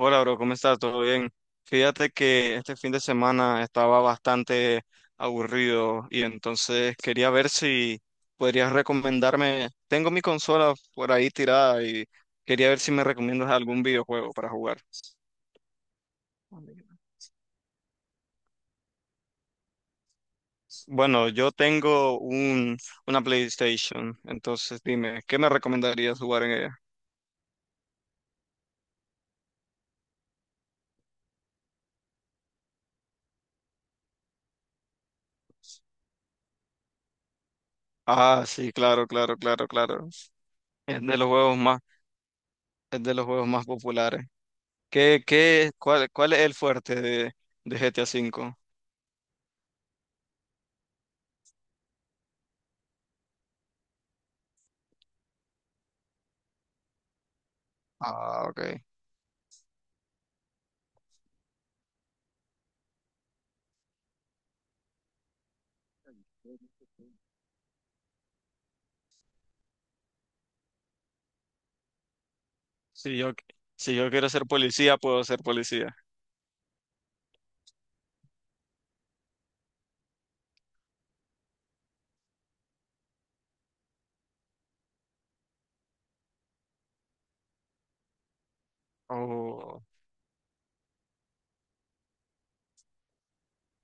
Hola, bro, ¿cómo estás? ¿Todo bien? Fíjate que este fin de semana estaba bastante aburrido y entonces quería ver si podrías recomendarme. Tengo mi consola por ahí tirada y quería ver si me recomiendas algún videojuego para jugar. Bueno, yo tengo una PlayStation, entonces dime, ¿qué me recomendarías jugar en ella? Ah, sí, claro, claro, claro, claro. Es de los juegos más, es de los juegos más populares. ¿Cuál es el fuerte de GTA V? Ah, ok. Si yo, si yo quiero ser policía, puedo ser policía. Oh.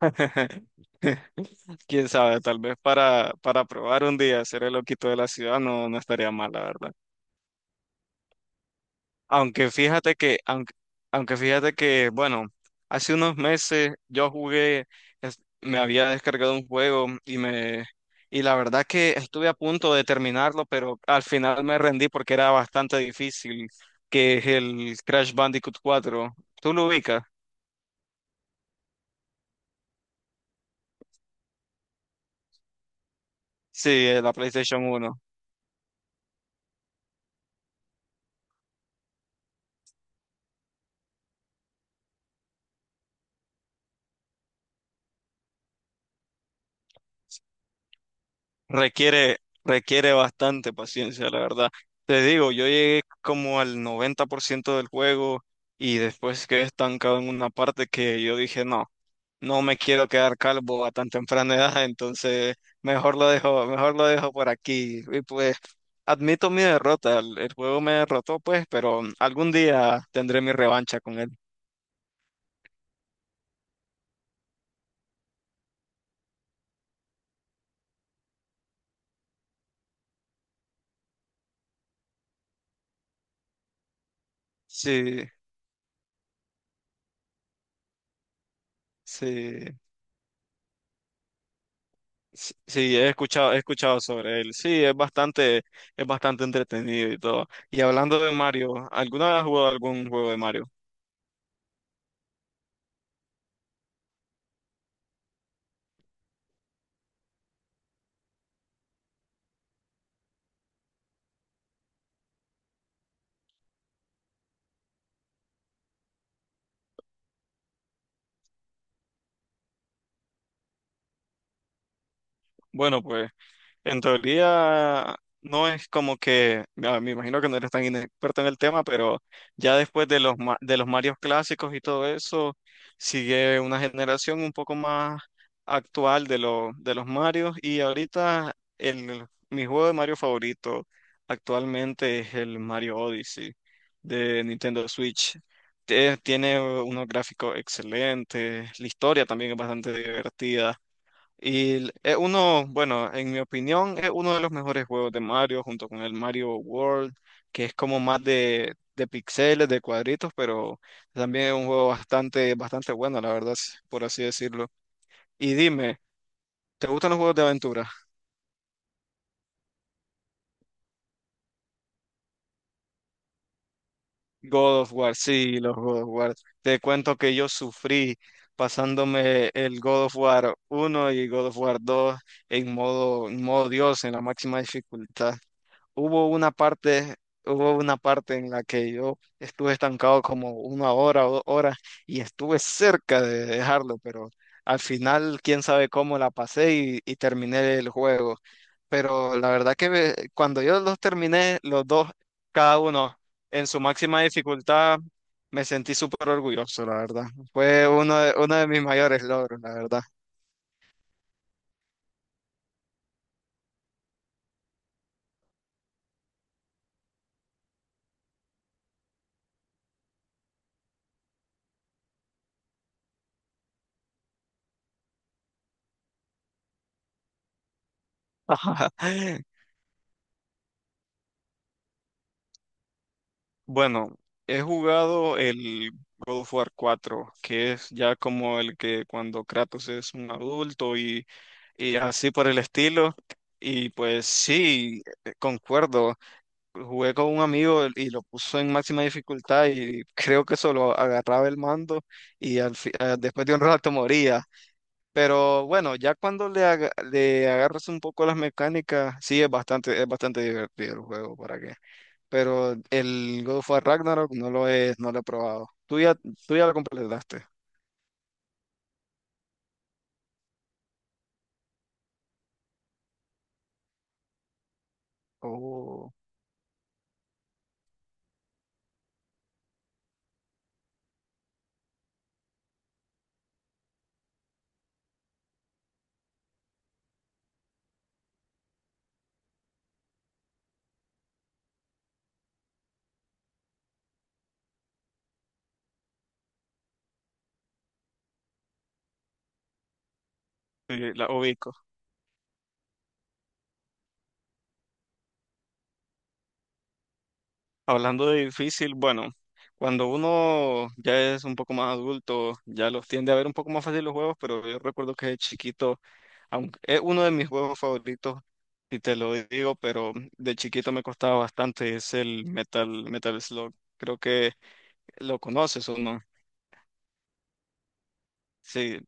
Quién sabe, tal vez para probar un día ser el loquito de la ciudad, no, no estaría mal, la verdad. Aunque fíjate que, aunque, aunque fíjate que, bueno, hace unos meses yo jugué, me había descargado un juego y la verdad que estuve a punto de terminarlo, pero al final me rendí porque era bastante difícil, que es el Crash Bandicoot 4. ¿Tú lo ubicas? Sí, es la PlayStation 1. Requiere, requiere bastante paciencia, la verdad. Te digo, yo llegué como al 90% del juego y después quedé estancado en una parte que yo dije, no, no me quiero quedar calvo a tan temprana edad, entonces mejor lo dejo por aquí. Y pues admito mi derrota, el juego me derrotó, pues, pero algún día tendré mi revancha con él. Sí, sí. Sí, sí, he escuchado sobre él. Sí, es bastante entretenido y todo. Y hablando de Mario, ¿alguna vez has jugado algún juego de Mario? Bueno, pues. En teoría, no es como que, ah, me imagino que no eres tan inexperto en el tema, pero ya después de los Marios clásicos y todo eso, sigue una generación un poco más actual de los Marios y ahorita mi juego de Mario favorito actualmente es el Mario Odyssey de Nintendo Switch. Tiene unos gráficos excelentes, la historia también es bastante divertida. Es uno, bueno, en mi opinión, es uno de los mejores juegos de Mario junto con el Mario World, que es como más de píxeles, de cuadritos, pero también es un juego bastante, bastante bueno, la verdad, por así decirlo. Y dime, ¿te gustan los juegos de aventura? God of War, sí, los God of War. Te cuento que yo sufrí pasándome el God of War 1 y God of War 2 en modo Dios, en la máxima dificultad. Hubo una parte, hubo una parte en la que yo estuve estancado como una hora o 2 horas y estuve cerca de dejarlo, pero al final quién sabe cómo la pasé y terminé el juego. Pero la verdad que cuando yo los terminé, los dos, cada uno en su máxima dificultad, me sentí súper orgulloso, la verdad. Fue uno de mis mayores logros, la verdad. Bueno, he jugado el God of War 4, que es ya como el que cuando Kratos es un adulto y así por el estilo. Y pues sí, concuerdo. Jugué con un amigo y lo puso en máxima dificultad y creo que solo agarraba el mando y después de un rato moría. Pero bueno, ya cuando le agarras un poco las mecánicas, sí es bastante divertido el juego, ¿para qué? Pero el God of War Ragnarok no lo he probado. Tú ya lo completaste. Oh, sí, la ubico. Hablando de difícil, bueno, cuando uno ya es un poco más adulto, ya los tiende a ver un poco más fácil los juegos, pero yo recuerdo que de chiquito, aunque es uno de mis juegos favoritos, y te lo digo, pero de chiquito me costaba bastante, es el Metal Slug. Creo que lo conoces o no. Sí,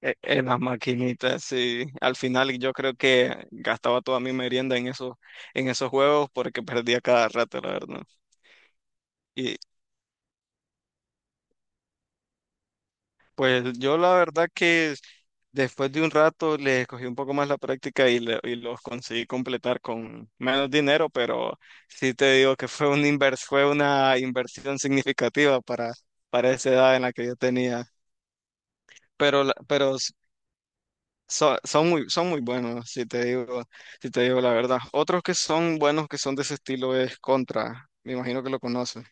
En las maquinitas, sí. Al final yo creo que gastaba toda mi merienda en esos juegos porque perdía cada rato, la verdad. Y pues yo la verdad que después de un rato le cogí un poco más la práctica y los conseguí completar con menos dinero, pero sí te digo que fue una inversión significativa para esa edad en la que yo tenía. Pero son muy buenos, si te digo la verdad. Otros que son buenos, que son de ese estilo, es Contra. Me imagino que lo conoces.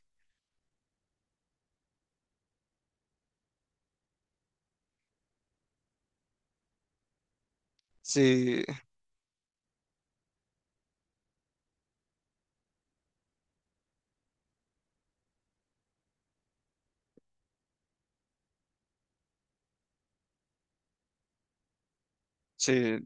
Sí, sí,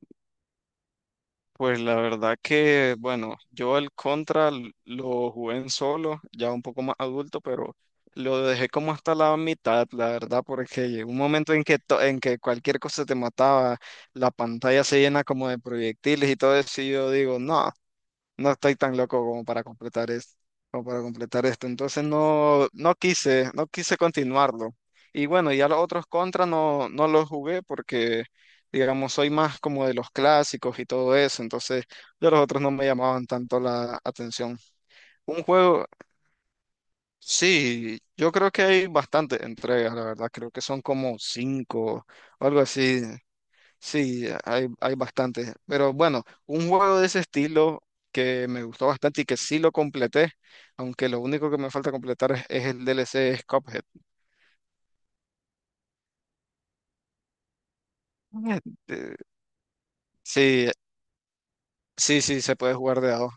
pues la verdad que, bueno, yo el Contra lo jugué en solo, ya un poco más adulto, pero lo dejé como hasta la mitad, la verdad, porque llegó un momento en que cualquier cosa te mataba, la pantalla se llena como de proyectiles y todo eso, y yo digo, no. No estoy tan loco como para completar esto, como para completar esto. Entonces no, no quise continuarlo. Y bueno, ya los otros contra no, no los jugué porque, digamos, soy más como de los clásicos y todo eso. Entonces, ya los otros no me llamaban tanto la atención. Un juego, sí, yo creo que hay bastantes entregas, la verdad. Creo que son como cinco o algo así. Sí, hay bastantes. Pero bueno, un juego de ese estilo que me gustó bastante y que sí lo completé, aunque lo único que me falta completar es el DLC es Cuphead. Eh, Sí, sí, sí, se puede jugar de a dos.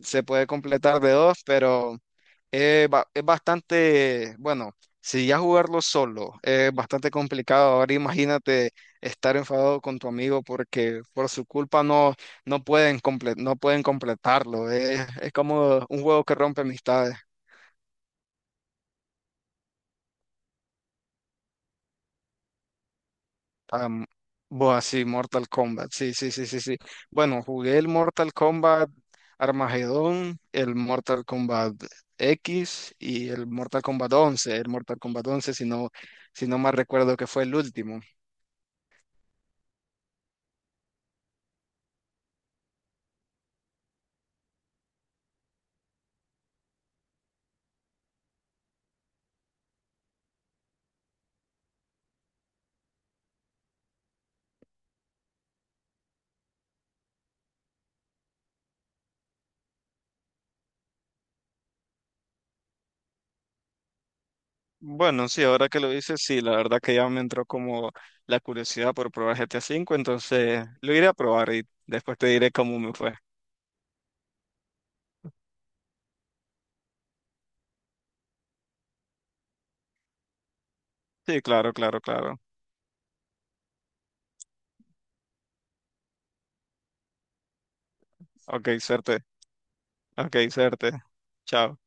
Se puede completar de dos, pero es bastante, bueno, si ya jugarlo solo es bastante complicado. Ahora imagínate estar enfadado con tu amigo porque por su culpa no pueden completarlo. Es como un juego que rompe amistades. Am, bueno, sí, Mortal Kombat. Sí, sí, sí, sí, sí. Bueno, jugué el Mortal Kombat Armagedón, el Mortal Kombat X y el Mortal Kombat 11. El Mortal Kombat 11, si no mal recuerdo, que fue el último. Bueno, sí, ahora que lo dices, sí, la verdad que ya me entró como la curiosidad por probar GTA V, entonces lo iré a probar y después te diré cómo me fue. Sí, claro, claro, claro. Ok, suerte. Ok, suerte. Chao.